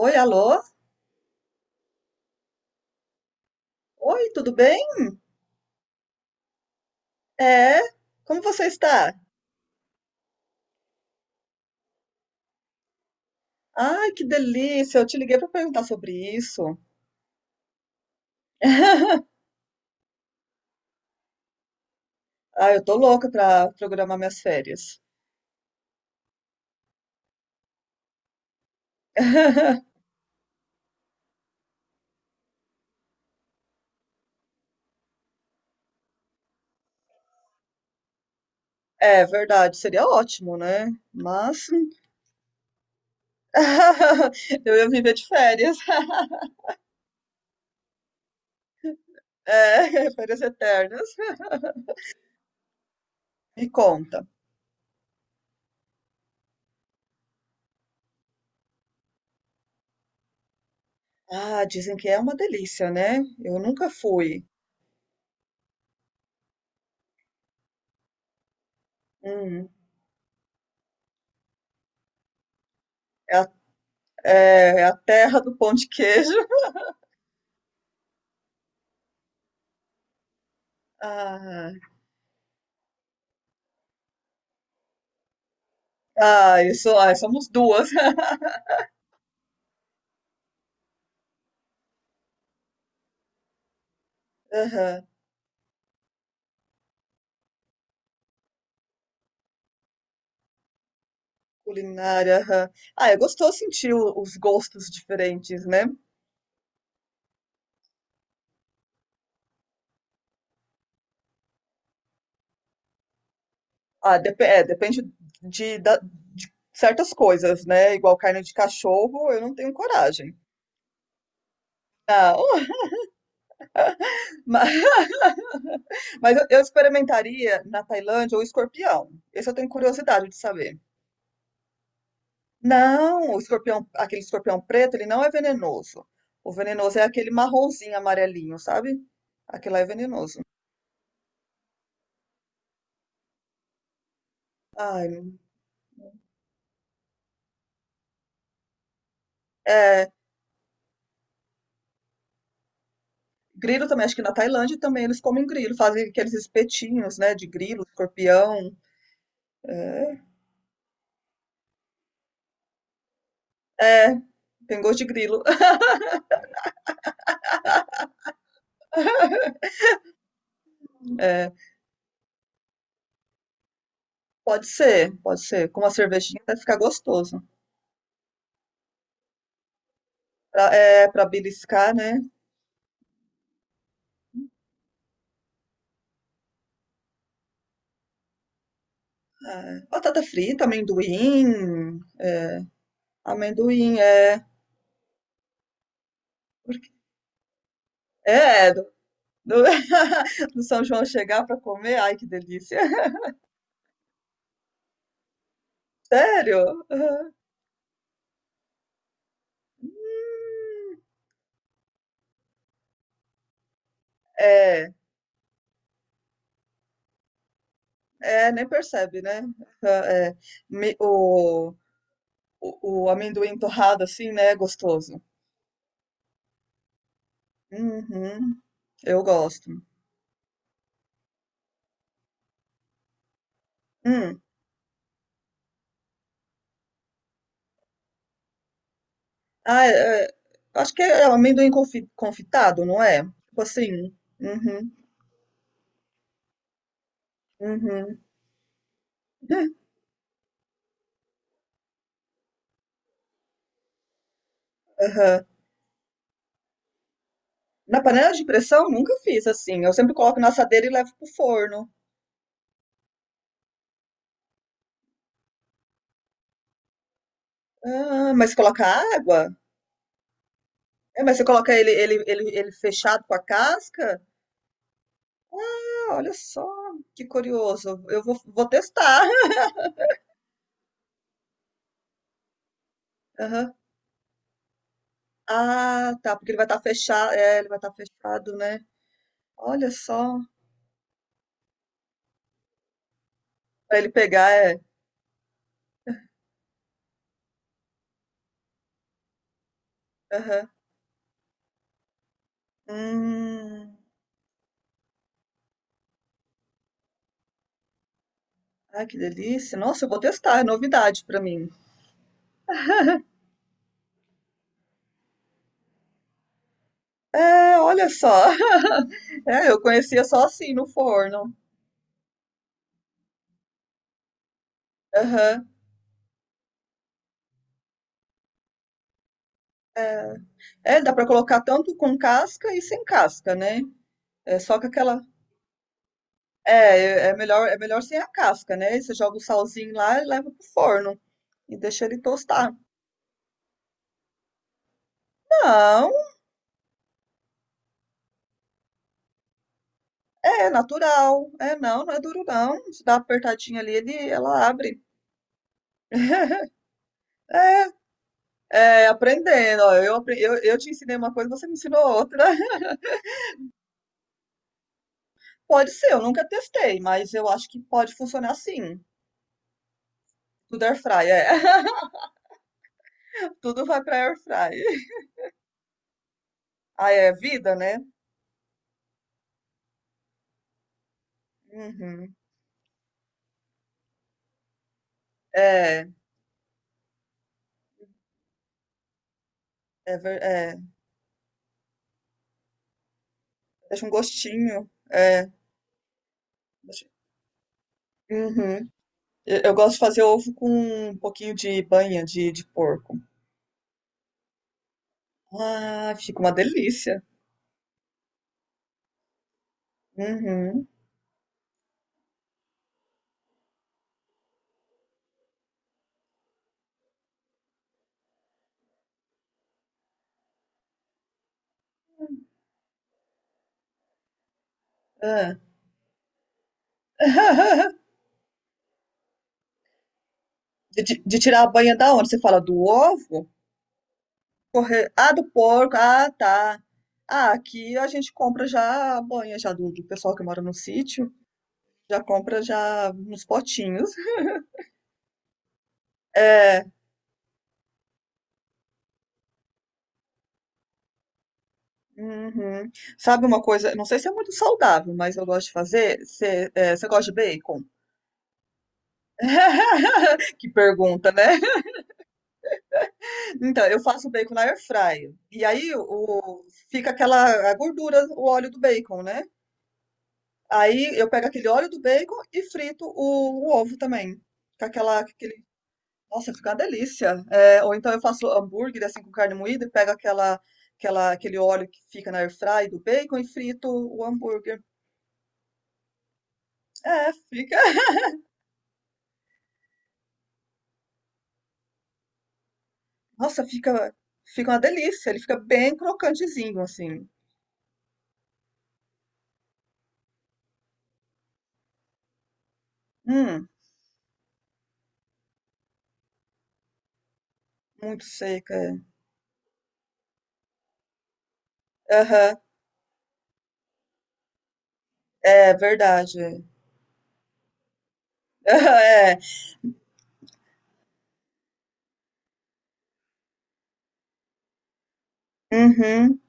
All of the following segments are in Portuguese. Oi, alô? Oi, tudo bem? É, como você está? Ai, que delícia! Eu te liguei para perguntar sobre isso. Ah, eu tô louca para programar minhas férias. É verdade, seria ótimo, né? Mas eu ia viver de férias. É, férias eternas. Me conta. Ah, dizem que é uma delícia, né? Eu nunca fui. Hum, é a, é é a terra do pão de queijo. Ah, ah, isso, ah, somos duas. Aham, culinária, aham. Ah, é gostoso sentir os gostos diferentes, né? Ah, é, depende de, de certas coisas, né? Igual carne de cachorro, eu não tenho coragem. Ah, ma- mas, eu experimentaria na Tailândia o escorpião. Esse eu tenho curiosidade de saber. Não, o escorpião, aquele escorpião preto, ele não é venenoso. O venenoso é aquele marronzinho, amarelinho, sabe? Aquele lá é venenoso. Ai, é. Grilo também, acho que na Tailândia também eles comem grilo, fazem aqueles espetinhos, né, de grilo, escorpião. É, tem gosto de grilo. É, pode ser, pode ser. Com uma cervejinha vai ficar gostoso. Pra, é, pra beliscar, né? É, batata frita, amendoim. Amendoim, é. É, do- do São João chegar pra comer, ai que delícia. Sério? Aham. É, é, nem percebe, né? Aham, é, mi- o, o amendoim torrado assim, né? Gostoso. Uhum, eu gosto. Hum. Ah, é, é, acho que é amendoim confitado, não é? Tipo assim. Uhum, uhum. Aham. Na panela de pressão, nunca fiz assim. Eu sempre coloco na assadeira e levo pro forno. Ah, mas coloca água? É, mas você coloca ele fechado com a casca? Ah, olha só, que curioso. Vou testar. Aham. Ah, tá, porque ele vai estar fechado. É, ele vai estar fechado, né? Olha só, pra ele pegar é. Aham. Hum. Ai, que delícia. Nossa, eu vou testar, é novidade pra mim. É, olha só. É, eu conhecia só assim no forno. Aham. É, é. Dá pra colocar tanto com casca e sem casca, né? É só com aquela. É, é melhor sem a casca, né? Você joga o salzinho lá e leva pro forno e deixa ele tostar. Não, é natural. É, não, não é duro não. Se dá uma apertadinha ali, ela abre. É, aprendendo, ó, eu te ensinei uma coisa, você me ensinou outra. Pode ser, eu nunca testei, mas eu acho que pode funcionar sim. Tudo air fry, é. Tudo vai pra air fry. Ah, é vida, né? Uhum. É, é, é, deixa um gostinho. É, deixa- uhum. Eu gosto de fazer ovo com um pouquinho de banha de porco. Ah, fica uma delícia. Uhum. É. De tirar a banha da onde? Você fala do ovo? Corre... Ah, do porco. Ah, tá. Ah, aqui a gente compra já a banha já do pessoal que mora no sítio. Já compra já nos potinhos. É. Uhum. Sabe uma coisa? Não sei se é muito saudável, mas eu gosto de fazer. Você é, você gosta de bacon? Que pergunta, né? Então, eu faço bacon na air fryer. E aí o, fica aquela a gordura, o óleo do bacon, né? Aí eu pego aquele óleo do bacon e frito o ovo também. Com aquela, aquele Nossa, fica uma delícia. É, ou então eu faço hambúrguer assim com carne moída e pego aquele óleo que fica na airfry do bacon e frito o hambúrguer. É, fica. Nossa, fica uma delícia. Ele fica bem crocantezinho assim. Hum, muito seca. Aham, é verdade. Aham, é. Uhum.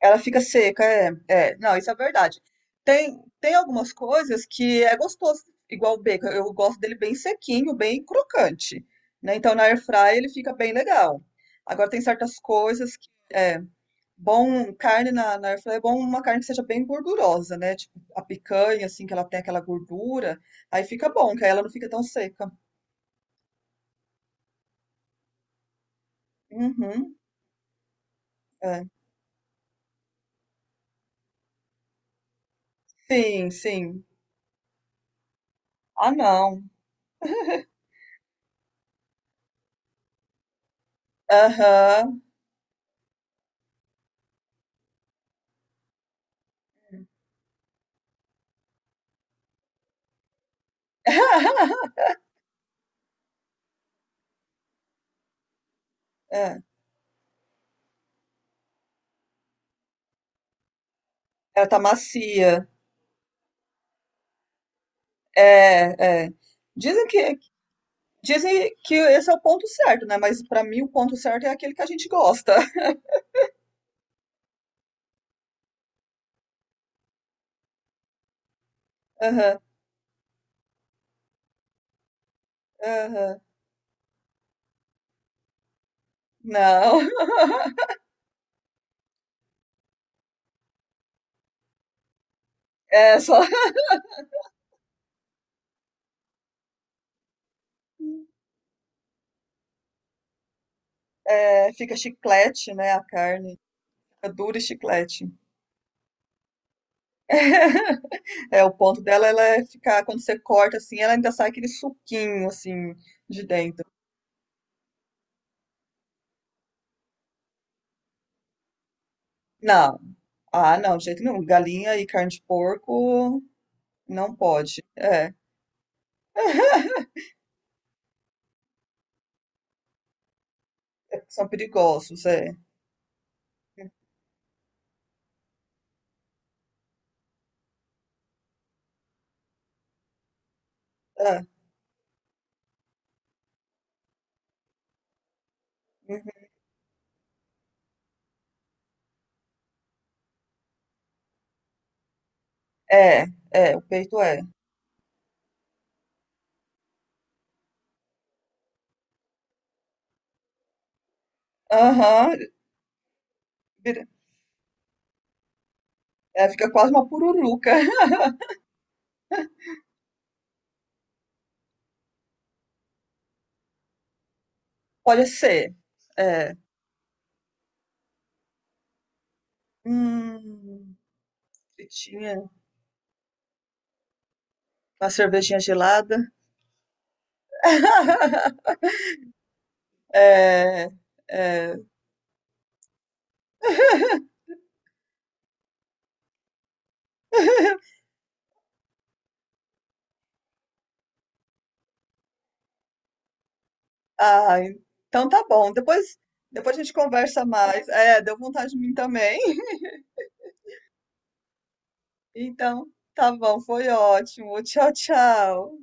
Ela fica seca, é, é. Não, isso é verdade. Tem, tem algumas coisas que é gostoso, igual o bacon. Eu gosto dele bem sequinho, bem crocante, né? Então na air fry ele fica bem legal. Agora tem certas coisas que é bom. Carne na, na air fry é bom uma carne que seja bem gordurosa, né? Tipo a picanha assim que ela tem aquela gordura, aí fica bom, que aí ela não fica tão seca. Uhum, é. Sim, sim. Ah, não. Aham. É, ela tá macia. É, é. Dizem que dizem que esse é o ponto certo, né? Mas pra mim o ponto certo é aquele que a gente gosta. Aham, aham. Não. É só é, fica chiclete, né? A carne fica dura e chiclete. É, o ponto dela ela é ficar quando você corta assim, ela ainda sai aquele suquinho assim de dentro. Não. Ah, não, de jeito nenhum. Galinha e carne de porco não pode. É. São perigosos, é. É, uhum. É, é, o peito é. Aham, vira- é, fica quase uma pururuca. Pode ser. É. Hum, fritinha, uma cervejinha gelada. É, é. Ah, então tá bom. Depois, depois a gente conversa mais. É, deu vontade de mim também. Então, tá bom, foi ótimo. Tchau, tchau.